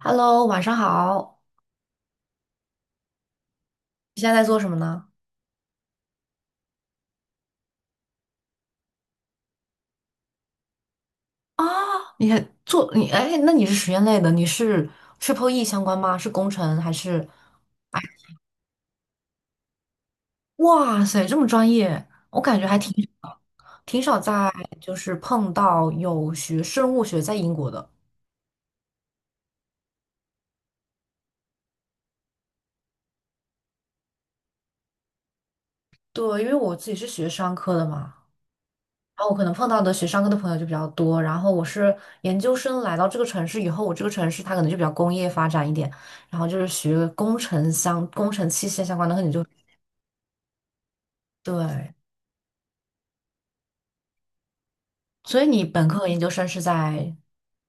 Hello，晚上好。你现在在做什么呢？啊，你还做你哎，那你是实验类的，你是 Triple E 相关吗？是工程还是？哇塞，这么专业，我感觉还挺挺少在碰到有学生物学在英国的。对，因为我自己是学商科的嘛，然后我可能碰到的学商科的朋友就比较多。然后我是研究生来到这个城市以后，我这个城市它可能就比较工业发展一点，然后就是学工程相工程器械相关的，可能就对。所以你本科和研究生是在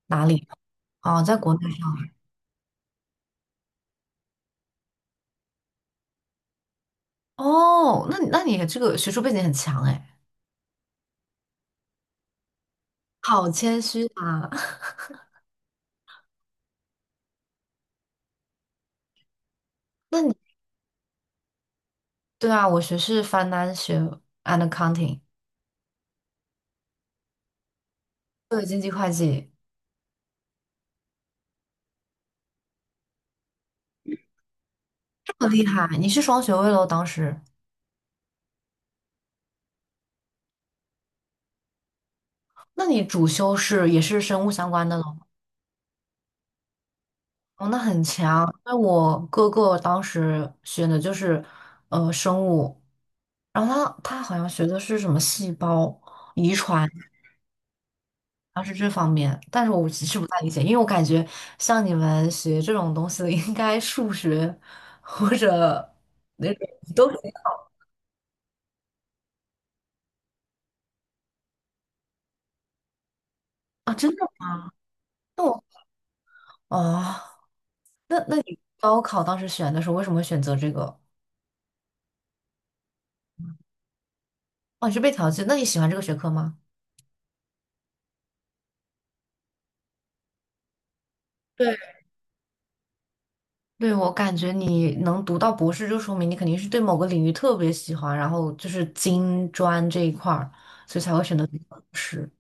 哪里？哦，在国内。哦，那你那你这个学术背景很强哎，好谦虚啊。那你对啊，我学是 Financial and Accounting，这么厉害，你是双学位喽？当时，那你主修是也是生物相关的喽？哦，那很强。因为我哥哥当时选的就是生物，然后他好像学的是什么细胞遗传。要是这方面，但是我其实不太理解，因为我感觉像你们学这种东西的，应该数学或者那种都很好啊，真的吗？那我哦，那那你高考当时选的时候，为什么会选择这个？哦，你是被调剂？那你喜欢这个学科吗？对，对，我感觉你能读到博士，就说明你肯定是对某个领域特别喜欢，然后就是金专这一块儿，所以才会选择读博士。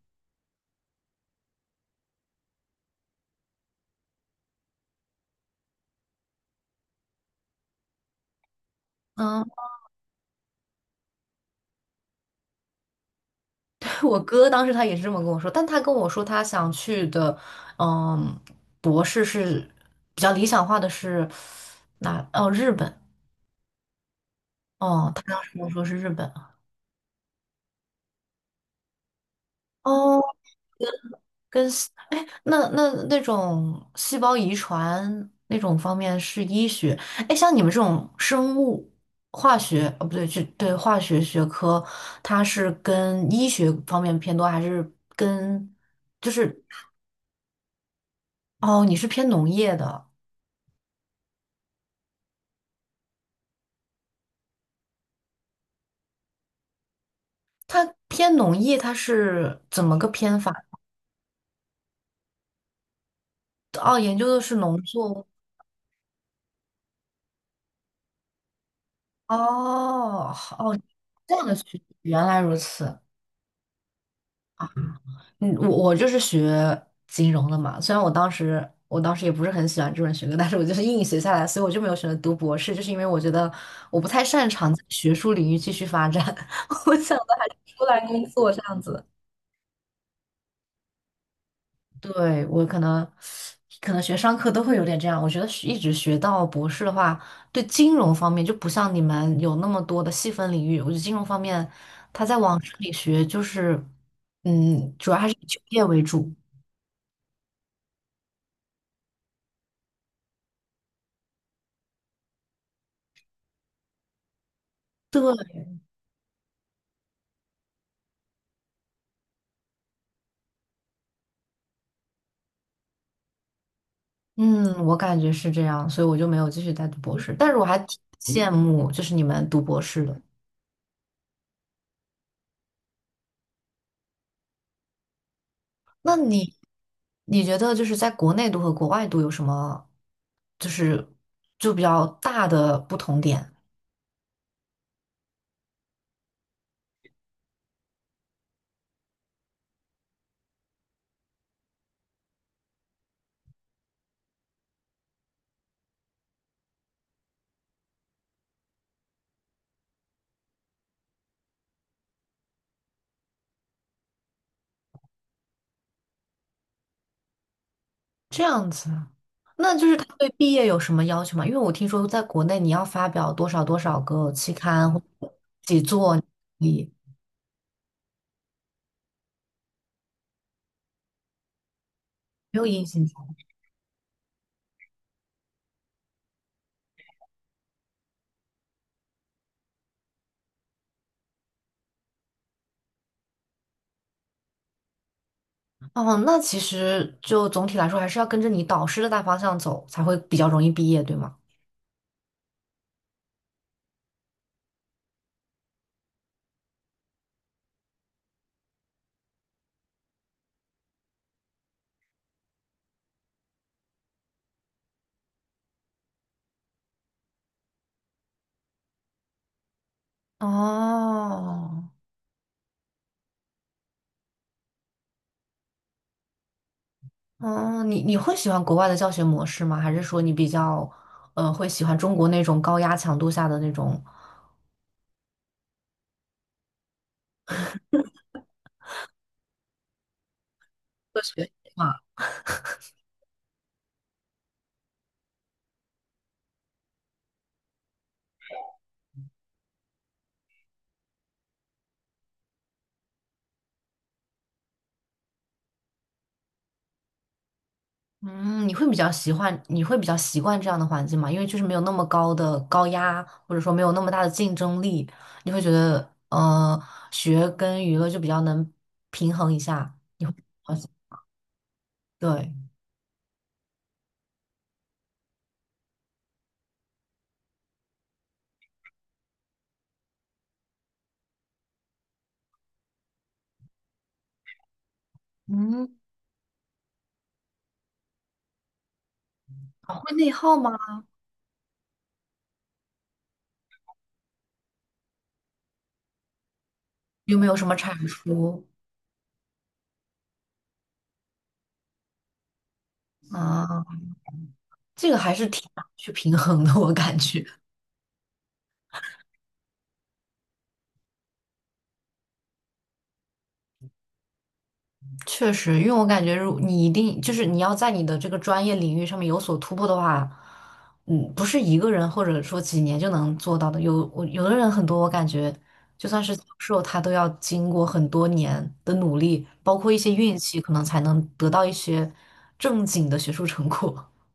我哥当时他也是这么跟我说，但他跟我说他想去的，嗯，博士是比较理想化的是哪？哦，日本。哦，他当时跟我说是日本啊。哦，那那那种细胞遗传那种方面是医学。哎，像你们这种生物化学，哦，不对，就对化学学科，它是跟医学方面偏多，还是跟就是哦，你是偏农业的？它偏农业，它是怎么个偏法？哦，研究的是农作物。哦，哦，这样的学，原来如此。嗯，我就是学金融的嘛，虽然我当时也不是很喜欢这门学科，但是我就是硬学下来，所以我就没有选择读博士，就是因为我觉得我不太擅长在学术领域继续发展，我想的还是出来工作这样子。对，我可能，可能学商科都会有点这样。我觉得学一直学到博士的话，对金融方面就不像你们有那么多的细分领域。我觉得金融方面，他在往这里学，就是，嗯，主要还是以就业为主。对，嗯，我感觉是这样，所以我就没有继续再读博士。但是我还挺羡慕，就是你们读博士的。那你，你觉得就是在国内读和国外读有什么，就是就比较大的不同点？这样子，那就是他对毕业有什么要求吗？因为我听说在国内你要发表多少多少个期刊或者几座，你没有硬性说。哦，那其实就总体来说还是要跟着你导师的大方向走，才会比较容易毕业，对吗？哦，哦，你你会喜欢国外的教学模式吗？还是说你比较会喜欢中国那种高压强度下的那种？科学嗯，你会比较喜欢，你会比较习惯这样的环境吗？因为就是没有那么高的高压，或者说没有那么大的竞争力，你会觉得学跟娱乐就比较能平衡一下。你会好像对，嗯，啊会内耗吗？有没有什么产出啊？这个还是挺难去平衡的，我感觉。确实，因为我感觉，如你一定就是你要在你的这个专业领域上面有所突破的话，嗯，不是一个人或者说几年就能做到的。有我有的人很多，我感觉就算是教授，他都要经过很多年的努力，包括一些运气，可能才能得到一些正经的学术成果。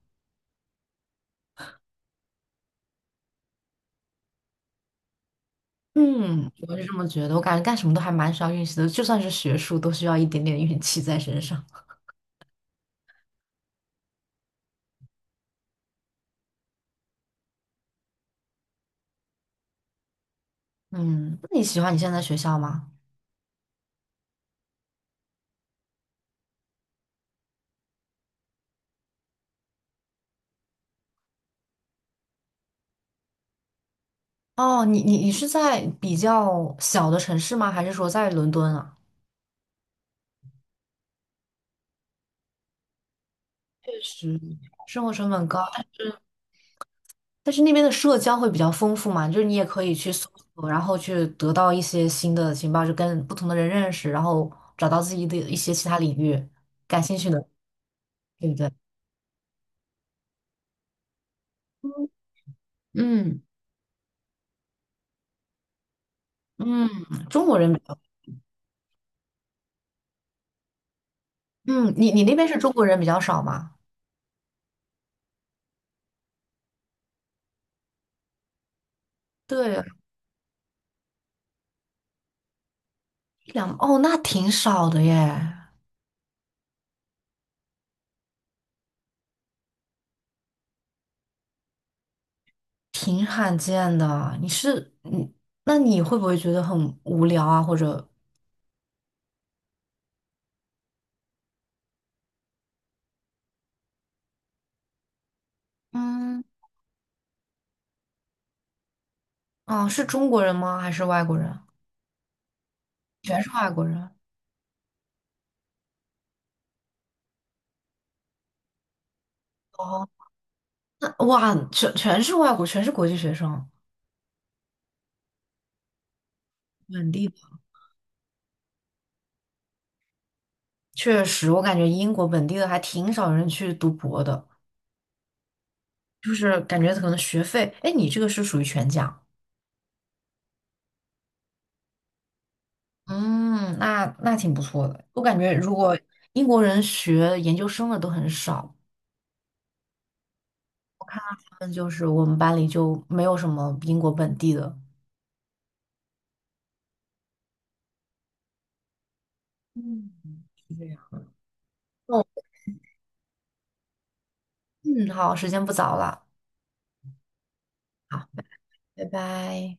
嗯，我是这么觉得。我感觉干什么都还蛮需要运气的，就算是学术，都需要一点点运气在身上。嗯，那你喜欢你现在的学校吗？哦，你是在比较小的城市吗？还是说在伦敦啊？确实，生活成本高，但是那边的社交会比较丰富嘛，就是你也可以去搜索，然后去得到一些新的情报，就跟不同的人认识，然后找到自己的一些其他领域感兴趣的，对不对？嗯，嗯，中国人比较，嗯，你你那边是中国人比较少吗？对，一两，哦，那挺少的耶。挺罕见的。你是你，那你会不会觉得很无聊啊？或者，嗯，啊，是中国人吗？还是外国人？全是外国人。哦，那哇，全全是外国，全是国际学生，本地的。确实，我感觉英国本地的还挺少人去读博的，就是感觉可能学费，哎，你这个是属于全奖。嗯，那那挺不错的。我感觉如果英国人学研究生的都很少。他们就是我们班里就没有什么英国本地的。嗯，是这样。嗯，好，时间不早了，好，拜拜。